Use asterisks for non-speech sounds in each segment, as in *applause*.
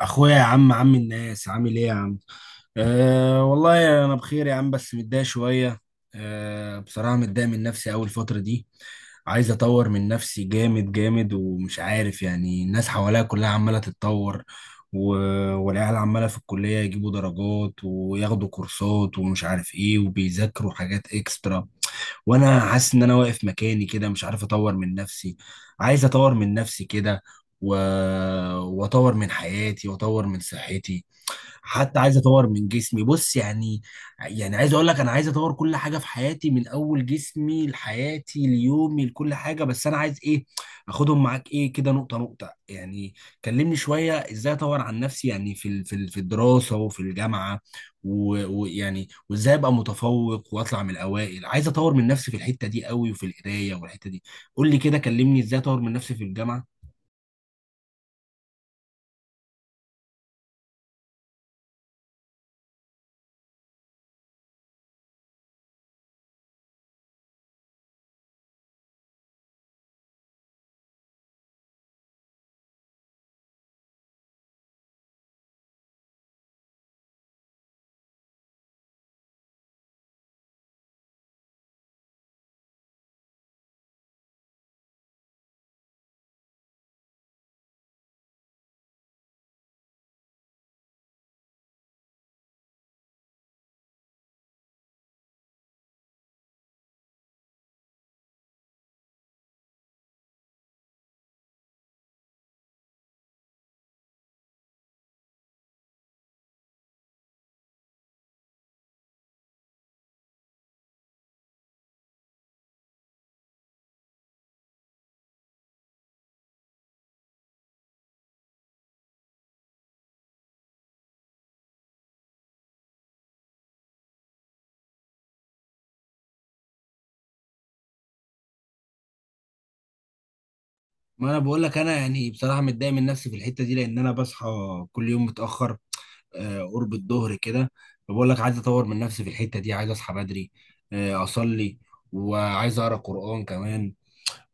اخويا يا عم، عم الناس عامل ايه يا عم؟ أه والله انا بخير يا عم بس متضايق شويه. أه بصراحه متضايق من نفسي اول فتره دي. عايز اطور من نفسي جامد جامد ومش عارف، يعني الناس حواليا كلها عماله تتطور، و... والعيال عماله في الكليه يجيبوا درجات وياخدوا كورسات ومش عارف ايه وبيذاكروا حاجات اكسترا، وانا حاسس ان انا واقف مكاني كده مش عارف اطور من نفسي. عايز اطور من نفسي كده، و... واطور من حياتي واطور من صحتي. حتى عايز اطور من جسمي، بص يعني. يعني عايز اقول لك انا عايز اطور كل حاجه في حياتي من اول جسمي لحياتي ليومي لكل حاجه، بس انا عايز ايه؟ اخدهم معاك ايه كده نقطه نقطه يعني. كلمني شويه ازاي اطور عن نفسي، يعني في الدراسه وفي الجامعه، ويعني وازاي ابقى متفوق واطلع من الاوائل. عايز اطور من نفسي في الحته دي قوي وفي القرايه والحته دي. قول لي كده، كلمني ازاي اطور من نفسي في الجامعه. ما انا بقول لك انا يعني بصراحه متضايق من نفسي في الحته دي لان انا بصحى كل يوم متاخر، قرب الظهر كده. فبقول لك عايز اطور من نفسي في الحته دي، عايز اصحى بدري، اصلي، وعايز اقرا قران كمان.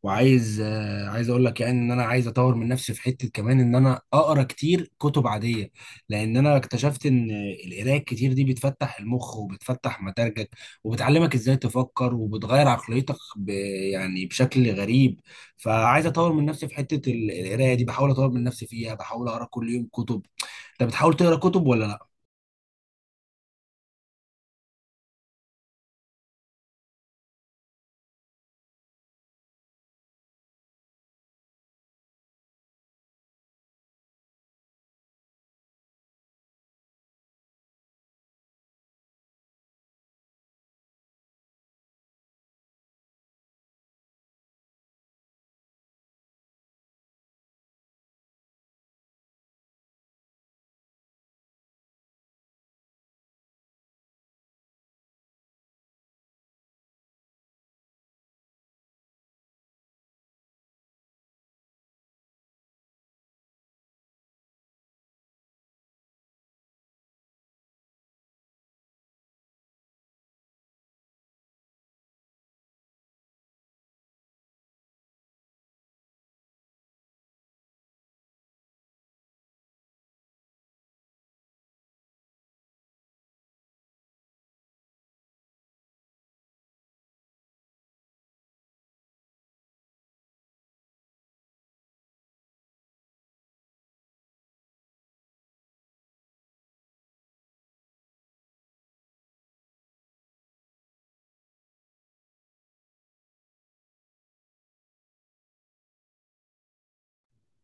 وعايز عايز اقول لك يعني ان انا عايز اطور من نفسي في حته كمان، ان انا اقرا كتير كتب عاديه. لان انا اكتشفت ان القرايه الكتير دي بتفتح المخ وبتفتح مداركك وبتعلمك ازاي تفكر، وبتغير عقليتك يعني بشكل غريب. فعايز اطور من نفسي في حته القرايه دي، بحاول اطور من نفسي فيها، بحاول اقرا كل يوم كتب. انت بتحاول تقرا كتب ولا لا؟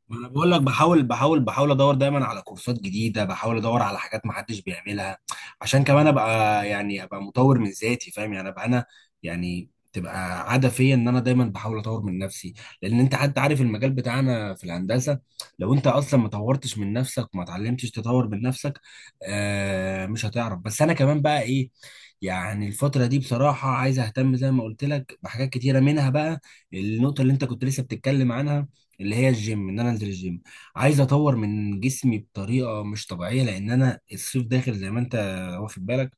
ما انا بقول لك، بحاول ادور دايما على كورسات جديده، بحاول ادور على حاجات ما حدش بيعملها، عشان كمان ابقى يعني ابقى مطور من ذاتي، فاهم؟ يعني ابقى انا يعني تبقى عاده فيا ان انا دايما بحاول اطور من نفسي، لان انت حتى عارف المجال بتاعنا في الهندسه. لو انت اصلا ما طورتش من نفسك وما اتعلمتش تطور من نفسك، آه مش هتعرف. بس انا كمان بقى ايه؟ يعني الفترة دي بصراحة عايز اهتم زي ما قلت لك بحاجات كتيرة، منها بقى النقطة اللي انت كنت لسه بتتكلم عنها اللي هي الجيم، ان انا انزل الجيم. عايز اطور من جسمي بطريقه مش طبيعيه، لان انا الصيف داخل زي ما انت واخد بالك،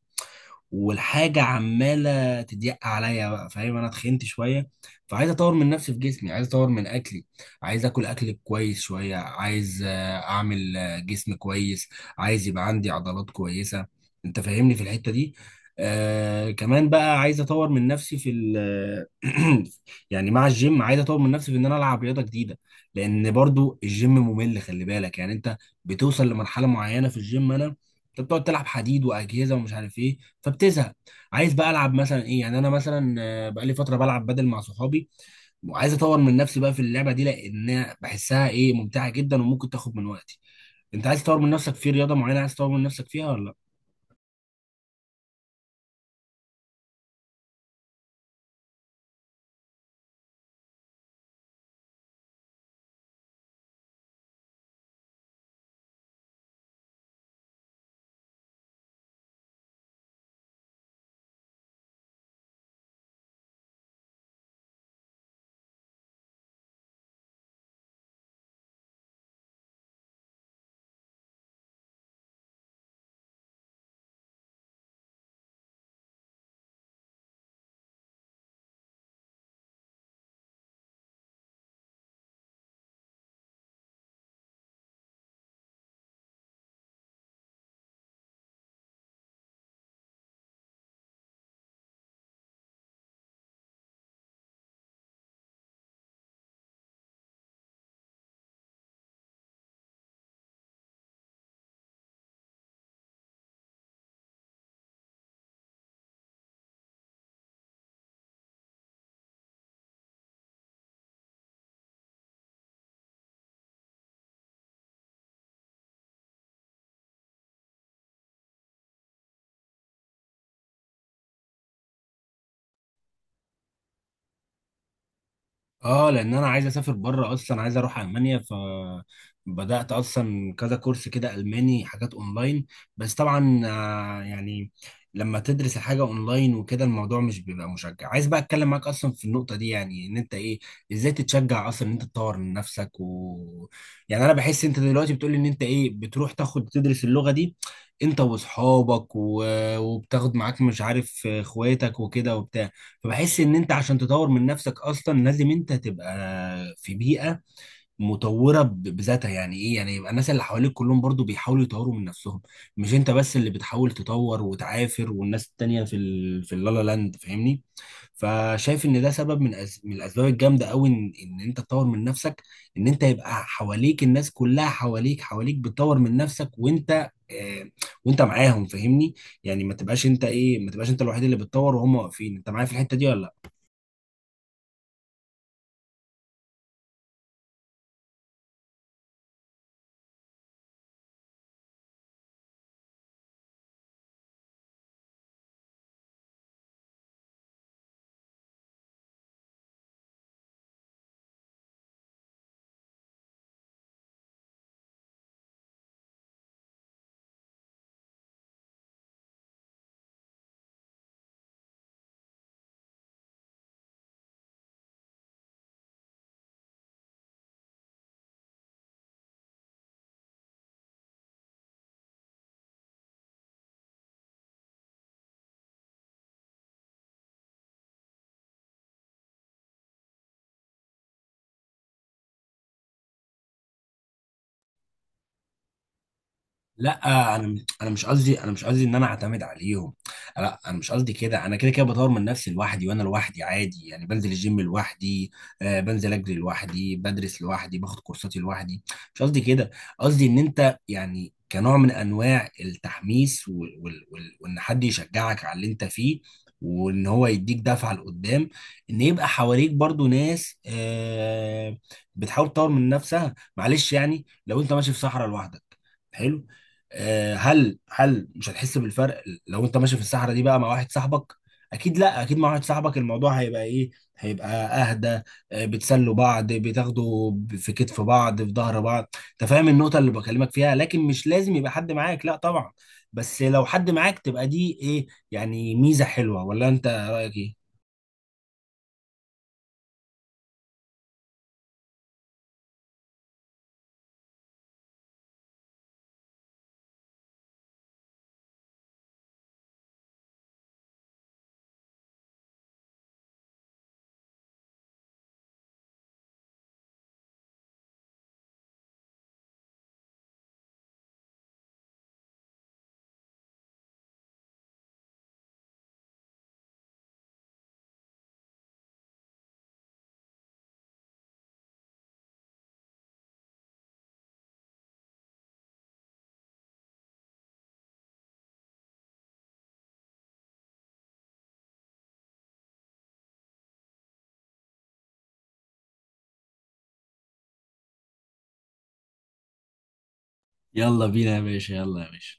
والحاجه عماله تضيق عليا بقى، فاهم؟ انا اتخنت شويه، فعايز اطور من نفسي في جسمي، عايز اطور من اكلي، عايز اكل اكل كويس شويه، عايز اعمل جسم كويس، عايز يبقى عندي عضلات كويسه. انت فاهمني في الحته دي؟ آه، كمان بقى عايز اطور من نفسي في ال... *clears throat* يعني مع الجيم عايز اطور من نفسي في ان انا العب رياضه جديده، لان برضو الجيم ممل. خلي بالك يعني انت بتوصل لمرحله معينه في الجيم، انا انت بتقعد تلعب حديد واجهزه ومش عارف ايه، فبتزهق. عايز بقى العب مثلا ايه؟ يعني انا مثلا بقالي فتره بلعب بدل مع صحابي، وعايز اطور من نفسي بقى في اللعبه دي لان بحسها ايه، ممتعه جدا وممكن تاخد من وقتي. انت عايز تطور من نفسك في رياضه معينه؟ عايز تطور من نفسك فيها ولا؟ اه، لان انا عايز اسافر بره اصلا، عايز اروح المانيا. بدات اصلا كذا كورس كده الماني حاجات اونلاين، بس طبعا يعني لما تدرس الحاجه اونلاين وكده الموضوع مش بيبقى مشجع. عايز بقى اتكلم معاك اصلا في النقطه دي يعني ان انت ايه، ازاي تتشجع اصلا ان انت تطور من نفسك. يعني انا بحس انت دلوقتي بتقول ان انت ايه، بتروح تاخد تدرس اللغه دي انت واصحابك، وبتاخد معاك مش عارف اخواتك وكده وبتاع. فبحس ان انت عشان تطور من نفسك اصلا لازم انت تبقى في بيئه مطوره بذاتها. يعني ايه يعني؟ يبقى الناس اللي حواليك كلهم برضو بيحاولوا يطوروا من نفسهم، مش انت بس اللي بتحاول تطور وتعافر والناس التانية في اللالا لاند، فاهمني؟ فشايف ان ده سبب من الاسباب الجامده قوي ان... ان انت تطور من نفسك، ان انت يبقى حواليك الناس كلها حواليك حواليك بتطور من نفسك وانت وانت معاهم، فاهمني؟ يعني ما تبقاش انت ايه، ما تبقاش انت الوحيد اللي بتطور وهم واقفين. انت معايا في الحتة دي ولا؟ لا، انا مش قصدي، انا مش قصدي ان انا اعتمد عليهم. لا، انا مش قصدي كده. انا كده كده بطور من نفسي لوحدي، وانا لوحدي عادي يعني، بنزل الجيم لوحدي، آه بنزل اجري لوحدي، بدرس لوحدي، باخد كورساتي لوحدي. مش قصدي كده. قصدي ان انت يعني كنوع من انواع التحميس، وال وال وال وان حد يشجعك على اللي انت فيه، وان هو يديك دفعه لقدام، ان يبقى حواليك برضو ناس آه بتحاول تطور من نفسها. معلش يعني لو انت ماشي في صحراء لوحدك، حلو. آه، هل مش هتحس بالفرق لو انت ماشي في الصحراء دي بقى مع واحد صاحبك؟ اكيد لا، اكيد مع واحد صاحبك الموضوع هيبقى ايه، هيبقى اهدى. آه، بتسلوا بعض، بتاخدوا في كتف بعض في ظهر بعض. انت فاهم النقطة اللي بكلمك فيها؟ لكن مش لازم يبقى حد معاك، لا طبعا، بس لو حد معاك تبقى دي ايه يعني، ميزة حلوة. ولا انت رأيك ايه؟ يلا بينا يا باشا، يلا يا باشا.